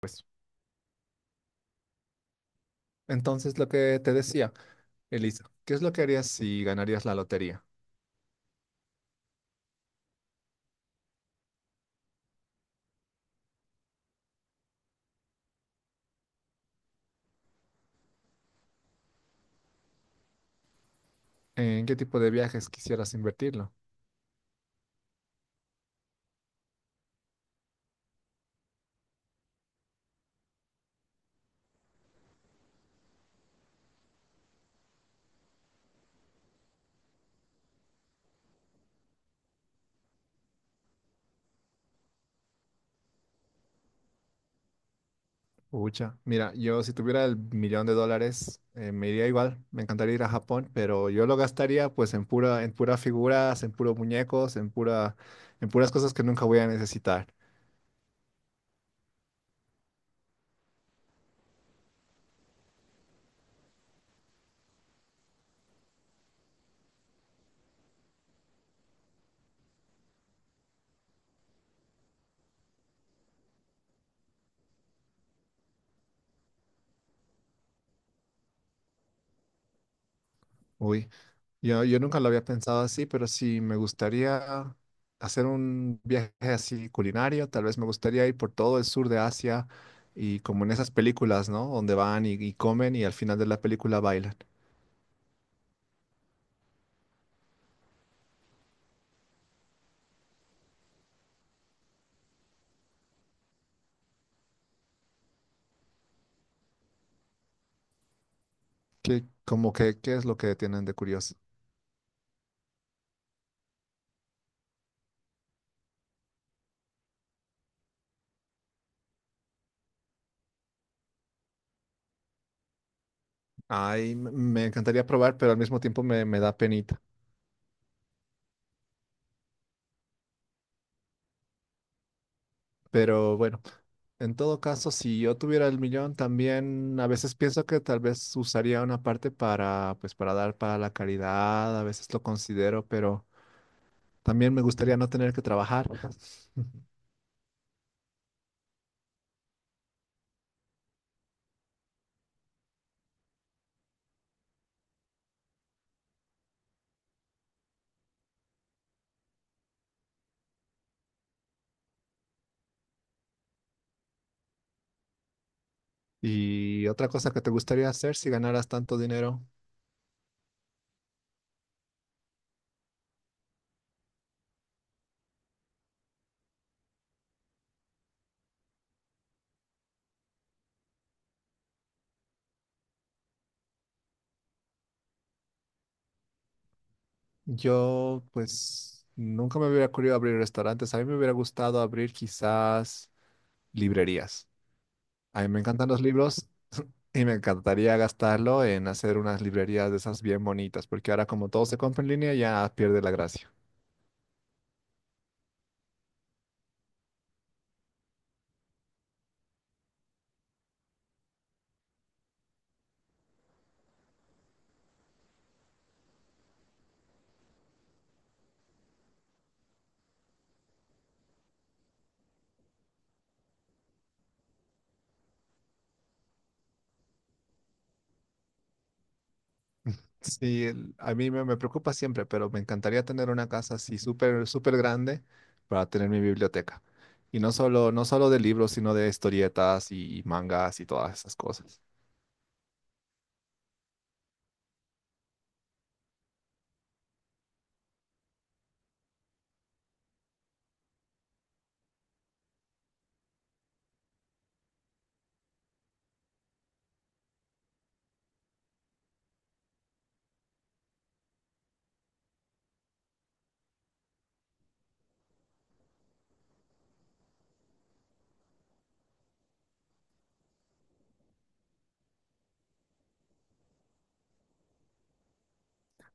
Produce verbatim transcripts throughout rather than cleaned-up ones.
Pues, entonces lo que te decía, Elisa, ¿qué es lo que harías si ganarías la lotería? ¿En qué tipo de viajes quisieras invertirlo? Ucha, mira, yo si tuviera el millón de dólares, eh, me iría igual, me encantaría ir a Japón, pero yo lo gastaría pues en pura, en pura figuras, en puros muñecos, en pura, en puras cosas que nunca voy a necesitar. Uy, yo, yo nunca lo había pensado así, pero sí me gustaría hacer un viaje así culinario. Tal vez me gustaría ir por todo el sur de Asia y como en esas películas, ¿no? Donde van y, y comen y al final de la película bailan. ¿Qué, como que, qué es lo que tienen de curioso? Ay, m- me encantaría probar, pero al mismo tiempo me, me da penita. Pero bueno. En todo caso, si yo tuviera el millón, también a veces pienso que tal vez usaría una parte para, pues, para dar para la caridad, a veces lo considero, pero también me gustaría no tener que trabajar. Y otra cosa que te gustaría hacer si ganaras tanto dinero, yo, pues, nunca me hubiera ocurrido abrir restaurantes. A mí me hubiera gustado abrir quizás librerías. A mí me encantan los libros. Y me encantaría gastarlo en hacer unas librerías de esas bien bonitas, porque ahora como todo se compra en línea ya pierde la gracia. Sí, el- a mí me, me preocupa siempre, pero me encantaría tener una casa así súper, súper grande para tener mi biblioteca. Y no solo, no solo de libros, sino de historietas y mangas y todas esas cosas.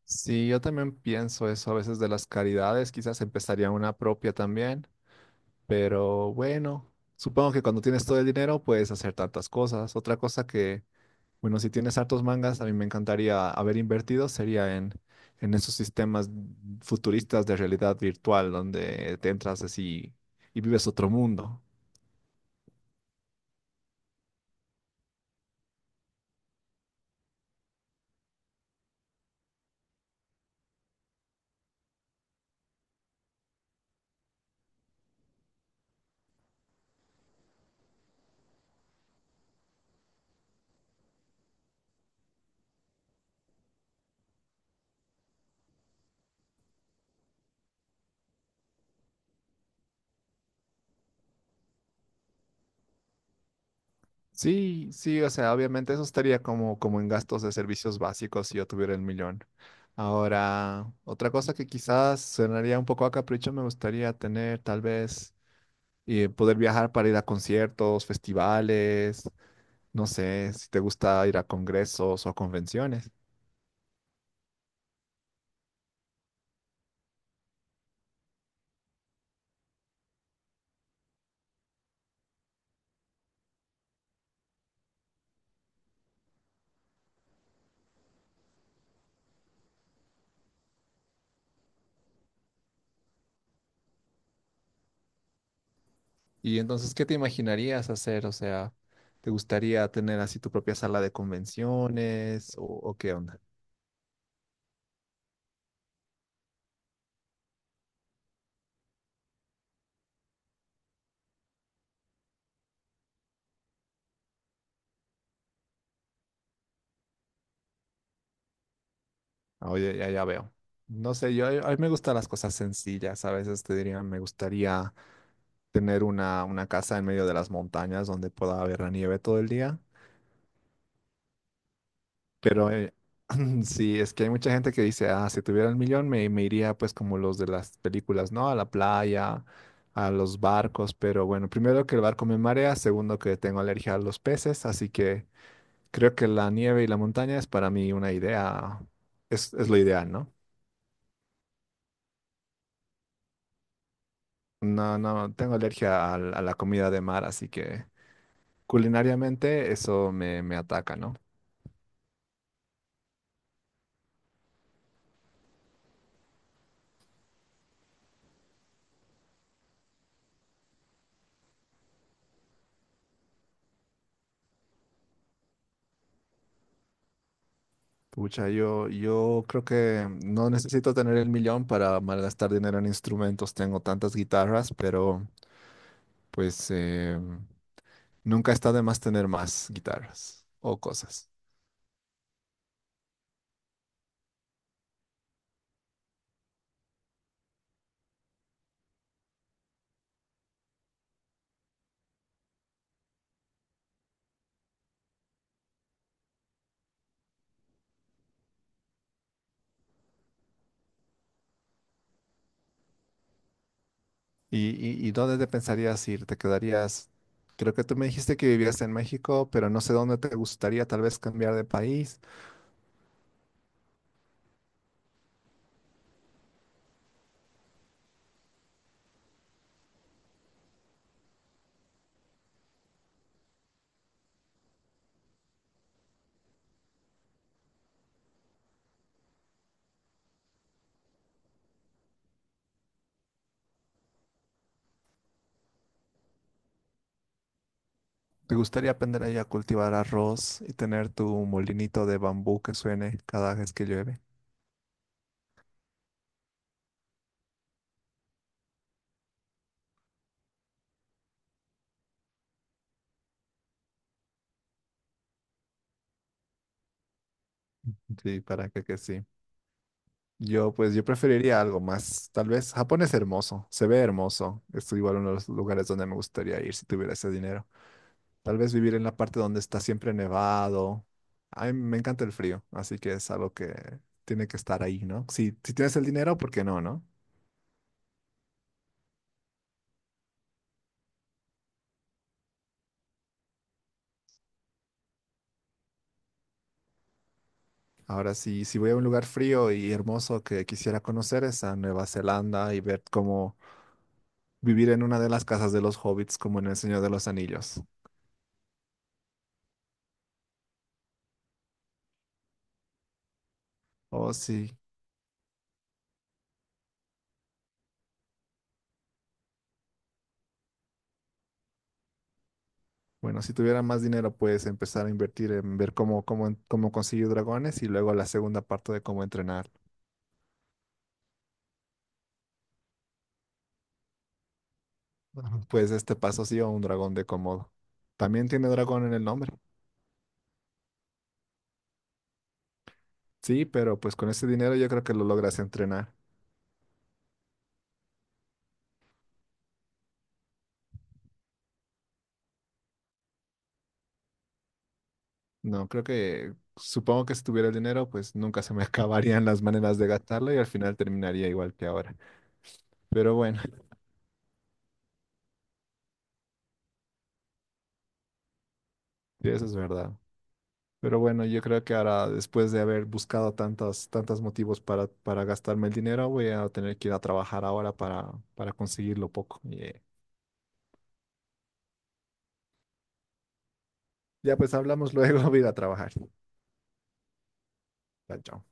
Sí, yo también pienso eso a veces de las caridades, quizás empezaría una propia también, pero bueno, supongo que cuando tienes todo el dinero puedes hacer tantas cosas. Otra cosa que, bueno, si tienes hartos mangas, a mí me encantaría haber invertido, sería en, en esos sistemas futuristas de realidad virtual, donde te entras así y vives otro mundo. Sí, sí, o sea, obviamente eso estaría como, como en gastos de servicios básicos si yo tuviera el millón. Ahora, otra cosa que quizás sonaría un poco a capricho, me gustaría tener tal vez eh, poder viajar para ir a conciertos, festivales, no sé, si te gusta ir a congresos o a convenciones. Y entonces, ¿qué te imaginarías hacer? O sea, ¿te gustaría tener así tu propia sala de convenciones o, o qué onda? Ah, oye, ya, ya veo. No sé, yo a mí me gustan las cosas sencillas. A veces te diría, me gustaría tener una, una casa en medio de las montañas donde pueda haber la nieve todo el día. Pero eh, sí, es que hay mucha gente que dice, ah, si tuviera el millón me, me iría pues como los de las películas, ¿no? A la playa, a los barcos, pero bueno, primero que el barco me marea, segundo que tengo alergia a los peces, así que creo que la nieve y la montaña es para mí una idea, es, es lo ideal, ¿no? No, no, tengo alergia al- a, la comida de mar, así que culinariamente eso me, me ataca, ¿no? Pucha, yo, yo creo que no necesito tener el millón para malgastar dinero en instrumentos. Tengo tantas guitarras, pero pues eh, nunca está de más tener más guitarras o cosas. ¿Y, y, y dónde te pensarías ir? ¿Te quedarías? Creo que tú me dijiste que vivías en México, pero no sé dónde te gustaría tal vez cambiar de país. ¿Te gustaría aprender ahí a cultivar arroz y tener tu molinito de bambú que suene cada vez que llueve? Sí, para que, que sí. Yo, pues, yo preferiría algo más. Tal vez Japón es hermoso, se ve hermoso. Es igual uno de los lugares donde me gustaría ir si tuviera ese dinero. Tal vez vivir en la parte donde está siempre nevado. A mí me encanta el frío, así que es algo que tiene que estar ahí, ¿no? Si, si tienes el dinero, ¿por qué no, no? Ahora, si si voy a un lugar frío y hermoso que quisiera conocer es a Nueva Zelanda y ver cómo vivir en una de las casas de los hobbits, como en El Señor de los Anillos. Oh, sí. Bueno, si tuviera más dinero, puedes empezar a invertir en ver cómo, cómo, cómo conseguir dragones y luego la segunda parte de cómo entrenar. Ajá. Pues este paso sí o un dragón de Komodo. También tiene dragón en el nombre. Sí, pero pues con ese dinero yo creo que lo logras entrenar. No, creo que, supongo que si tuviera el dinero, pues nunca se me acabarían las maneras de gastarlo y al final terminaría igual que ahora. Pero bueno, sí, eso es verdad. Pero bueno, yo creo que ahora, después de haber buscado tantos, tantos motivos para, para gastarme el dinero, voy a tener que ir a trabajar ahora para, para conseguirlo poco. Y, eh, ya pues hablamos luego, voy a ir a trabajar. Chao. Chao.